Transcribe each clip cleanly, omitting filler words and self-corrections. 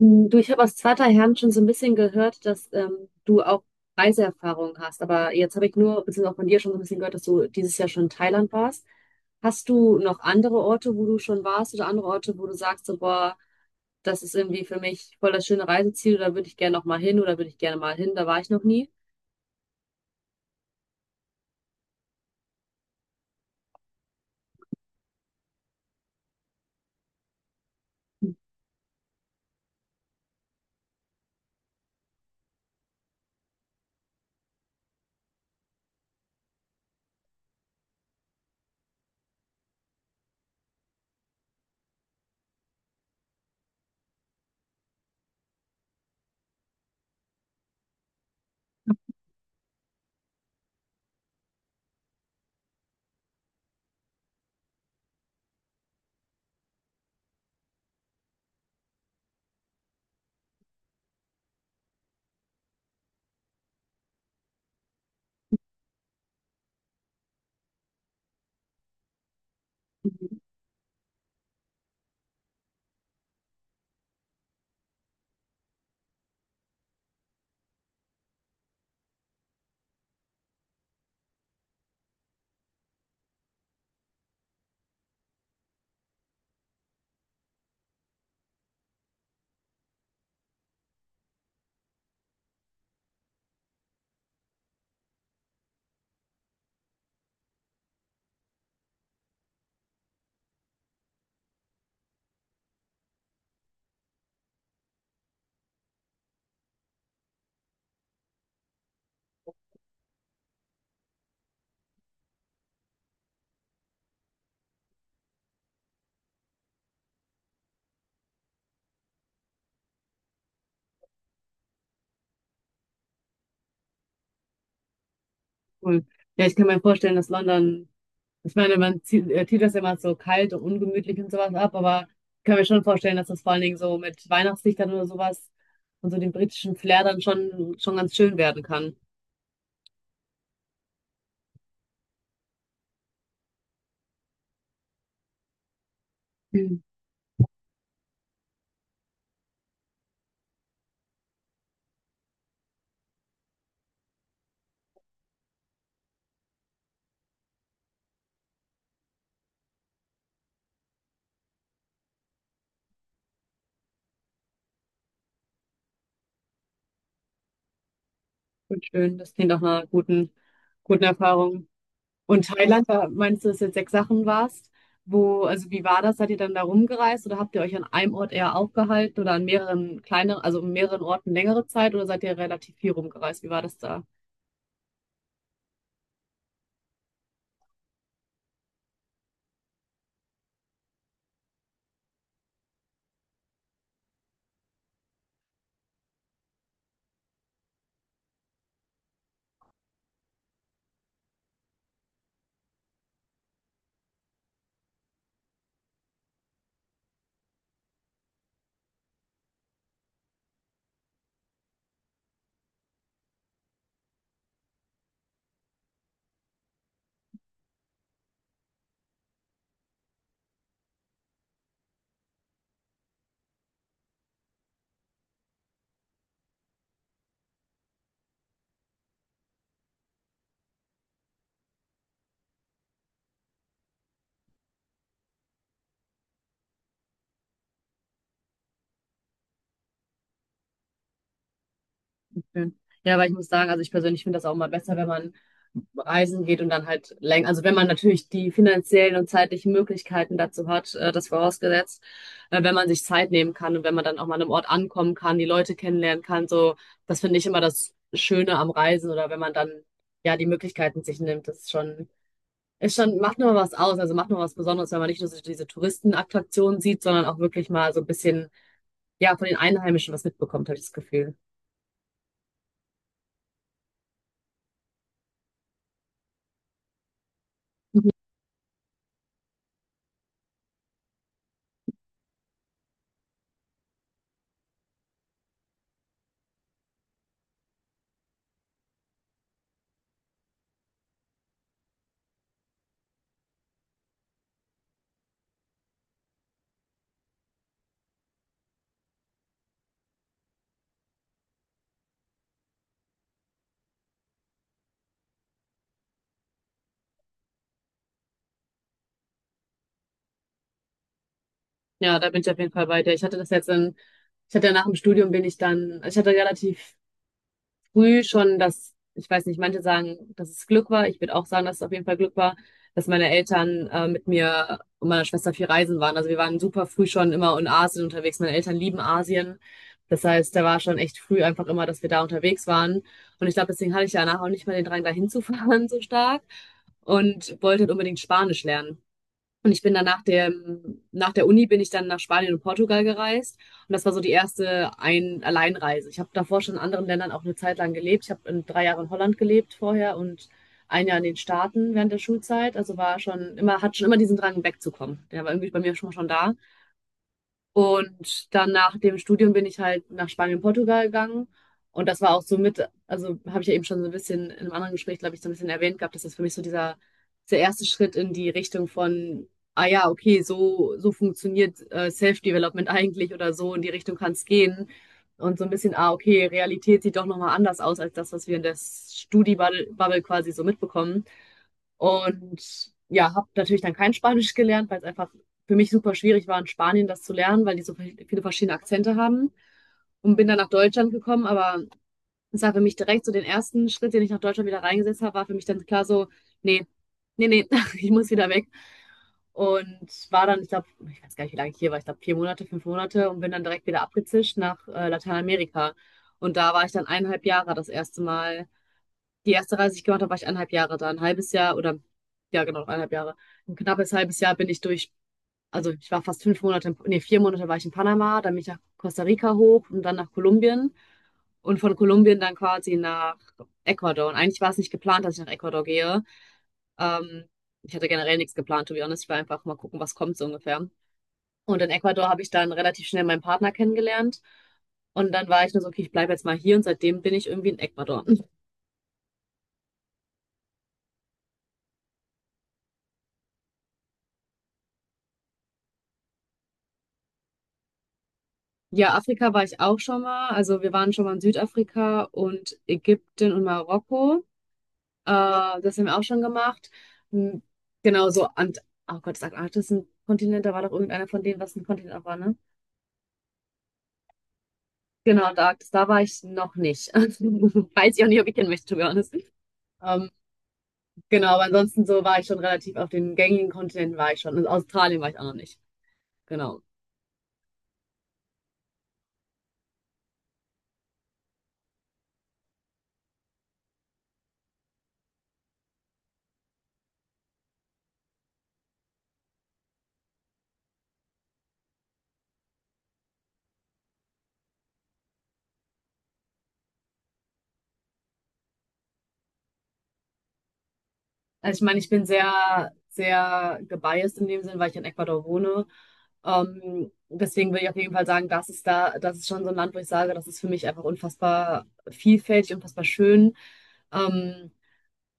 Du, ich habe aus zweiter Hand schon so ein bisschen gehört, dass du auch Reiseerfahrung hast. Aber jetzt habe ich nur, beziehungsweise auch von dir schon so ein bisschen gehört, dass du dieses Jahr schon in Thailand warst. Hast du noch andere Orte, wo du schon warst oder andere Orte, wo du sagst, so, boah, das ist irgendwie für mich voll das schöne Reiseziel, da würde ich gerne noch mal hin oder würde ich gerne mal hin, da war ich noch nie? Mhm. Cool. Ja, ich kann mir vorstellen, dass London. Ich meine, man zieht, tut das ja immer so kalt und ungemütlich und sowas ab, aber ich kann mir schon vorstellen, dass das vor allen Dingen so mit Weihnachtslichtern oder sowas und so dem britischen Flair dann schon ganz schön werden kann. Mhm. Und schön, das klingt nach einer guten, guten Erfahrung. Und Thailand, da meinst du, dass du jetzt sechs Sachen warst? Wo, also wie war das? Seid ihr dann da rumgereist oder habt ihr euch an einem Ort eher aufgehalten oder an mehreren kleineren, also an mehreren Orten längere Zeit oder seid ihr relativ viel rumgereist? Wie war das da? Schön. Ja, weil ich muss sagen, also ich persönlich finde das auch mal besser, wenn man reisen geht und dann halt länger, also wenn man natürlich die finanziellen und zeitlichen Möglichkeiten dazu hat, das vorausgesetzt, wenn man sich Zeit nehmen kann und wenn man dann auch mal an einem Ort ankommen kann, die Leute kennenlernen kann, so, das finde ich immer das Schöne am Reisen oder wenn man dann ja die Möglichkeiten sich nimmt, das ist schon, macht nur was aus, also macht nur was Besonderes, wenn man nicht nur so diese Touristenattraktionen sieht, sondern auch wirklich mal so ein bisschen, ja, von den Einheimischen was mitbekommt, habe ich das Gefühl. Ja, da bin ich auf jeden Fall bei dir. Ich hatte das jetzt in, Ich hatte ja nach dem Studium bin ich dann, also ich hatte relativ früh schon das, ich weiß nicht, manche sagen, dass es Glück war. Ich würde auch sagen, dass es auf jeden Fall Glück war, dass meine Eltern mit mir und meiner Schwester viel reisen waren. Also wir waren super früh schon immer in Asien unterwegs. Meine Eltern lieben Asien. Das heißt, da war schon echt früh einfach immer, dass wir da unterwegs waren. Und ich glaube, deswegen hatte ich danach auch nicht mehr den Drang, da hinzufahren so stark und wollte halt unbedingt Spanisch lernen. Und ich bin dann nach der Uni bin ich dann nach Spanien und Portugal gereist. Und das war so die erste Ein Alleinreise. Ich habe davor schon in anderen Ländern auch eine Zeit lang gelebt. Ich habe in 3 Jahren in Holland gelebt vorher und ein Jahr in den Staaten während der Schulzeit. Also war schon immer, hat schon immer diesen Drang, wegzukommen. Der war irgendwie bei mir schon da. Und dann nach dem Studium bin ich halt nach Spanien, Portugal gegangen. Und das war auch so mit, also habe ich ja eben schon so ein bisschen in einem anderen Gespräch, glaube ich, so ein bisschen erwähnt gehabt, dass das für mich so dieser, der erste Schritt in die Richtung von, ah ja, okay, so funktioniert Self-Development eigentlich oder so, in die Richtung kann es gehen. Und so ein bisschen, ah, okay, Realität sieht doch nochmal anders aus als das, was wir in der Studi-Bubble quasi so mitbekommen. Und ja, habe natürlich dann kein Spanisch gelernt, weil es einfach für mich super schwierig war, in Spanien das zu lernen, weil die so viele verschiedene Akzente haben. Und bin dann nach Deutschland gekommen, aber es war für mich direkt so den ersten Schritt, den ich nach Deutschland wieder reingesetzt habe, war für mich dann klar so, nee, nee, nee, ich muss wieder weg. Und war dann, ich glaube, ich weiß gar nicht, wie lange ich hier war, ich glaube 4 Monate, 5 Monate und bin dann direkt wieder abgezischt nach Lateinamerika. Und da war ich dann 1,5 Jahre das erste Mal die erste Reise, die ich gemacht habe, war ich 1,5 Jahre da. Ein halbes Jahr oder, ja genau, 1,5 Jahre. Ein knappes halbes Jahr bin ich durch, also ich war fast 5 Monate, 4 Monate war ich in Panama, dann bin ich nach Costa Rica hoch und dann nach Kolumbien und von Kolumbien dann quasi nach Ecuador. Und eigentlich war es nicht geplant, dass ich nach Ecuador gehe. Ähm, ich hatte generell nichts geplant, to be honest. Ich war einfach mal gucken, was kommt so ungefähr. Und in Ecuador habe ich dann relativ schnell meinen Partner kennengelernt. Und dann war ich nur so, okay, ich bleibe jetzt mal hier und seitdem bin ich irgendwie in Ecuador. Ja, Afrika war ich auch schon mal. Also wir waren schon mal in Südafrika und Ägypten und Marokko. Äh, das haben wir auch schon gemacht. Hm, Genau so. Und, oh Gott, das Arktis ist ein Kontinent. Da war doch irgendeiner von denen, was ein Kontinent auch war, ne? Genau, da war ich noch nicht. Weiß ich auch nicht, ob ich hin möchte, to be honest. Ähm, genau, aber ansonsten so war ich schon relativ auf den gängigen Kontinenten war ich schon. In Australien war ich auch noch nicht. Genau. Also ich meine, ich bin sehr, sehr gebiased in dem Sinn, weil ich in Ecuador wohne. Deswegen würde ich auf jeden Fall sagen, das ist da, das ist schon so ein Land, wo ich sage, das ist für mich einfach unfassbar vielfältig, unfassbar schön. Ähm,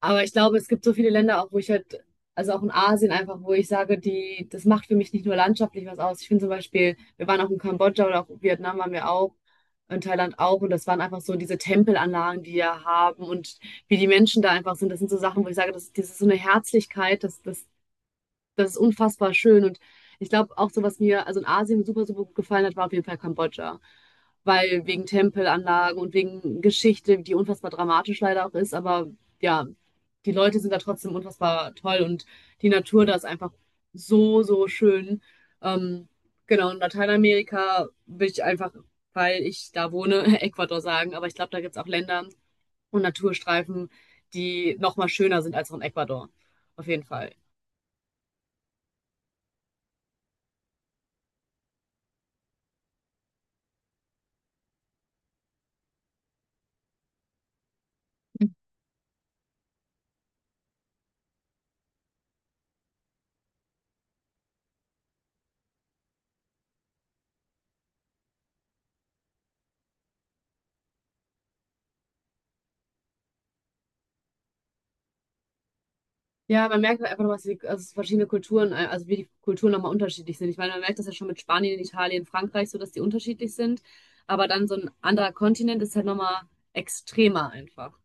aber ich glaube, es gibt so viele Länder auch, wo ich halt, also auch in Asien einfach, wo ich sage, die, das macht für mich nicht nur landschaftlich was aus. Ich finde zum Beispiel, wir waren auch in Kambodscha oder auch in Vietnam waren wir auch, in Thailand auch, und das waren einfach so diese Tempelanlagen, die wir haben und wie die Menschen da einfach sind. Das sind so Sachen, wo ich sage, das, das ist so eine Herzlichkeit, das ist unfassbar schön. Und ich glaube auch so, was mir also in Asien super, super gut gefallen hat, war auf jeden Fall Kambodscha. Weil wegen Tempelanlagen und wegen Geschichte, die unfassbar dramatisch leider auch ist, aber ja, die Leute sind da trotzdem unfassbar toll und die Natur da ist einfach so, so schön. Ähm, genau, in Lateinamerika will ich einfach, weil ich da wohne, Ecuador sagen, aber ich glaube, da gibt es auch Länder und Naturstreifen, die noch mal schöner sind als auch in Ecuador. Auf jeden Fall. Ja, man merkt halt einfach, was die, also verschiedene Kulturen, also wie die Kulturen nochmal unterschiedlich sind. Ich meine, man merkt das ja schon mit Spanien, Italien, Frankreich, so dass die unterschiedlich sind. Aber dann so ein anderer Kontinent ist halt nochmal extremer einfach.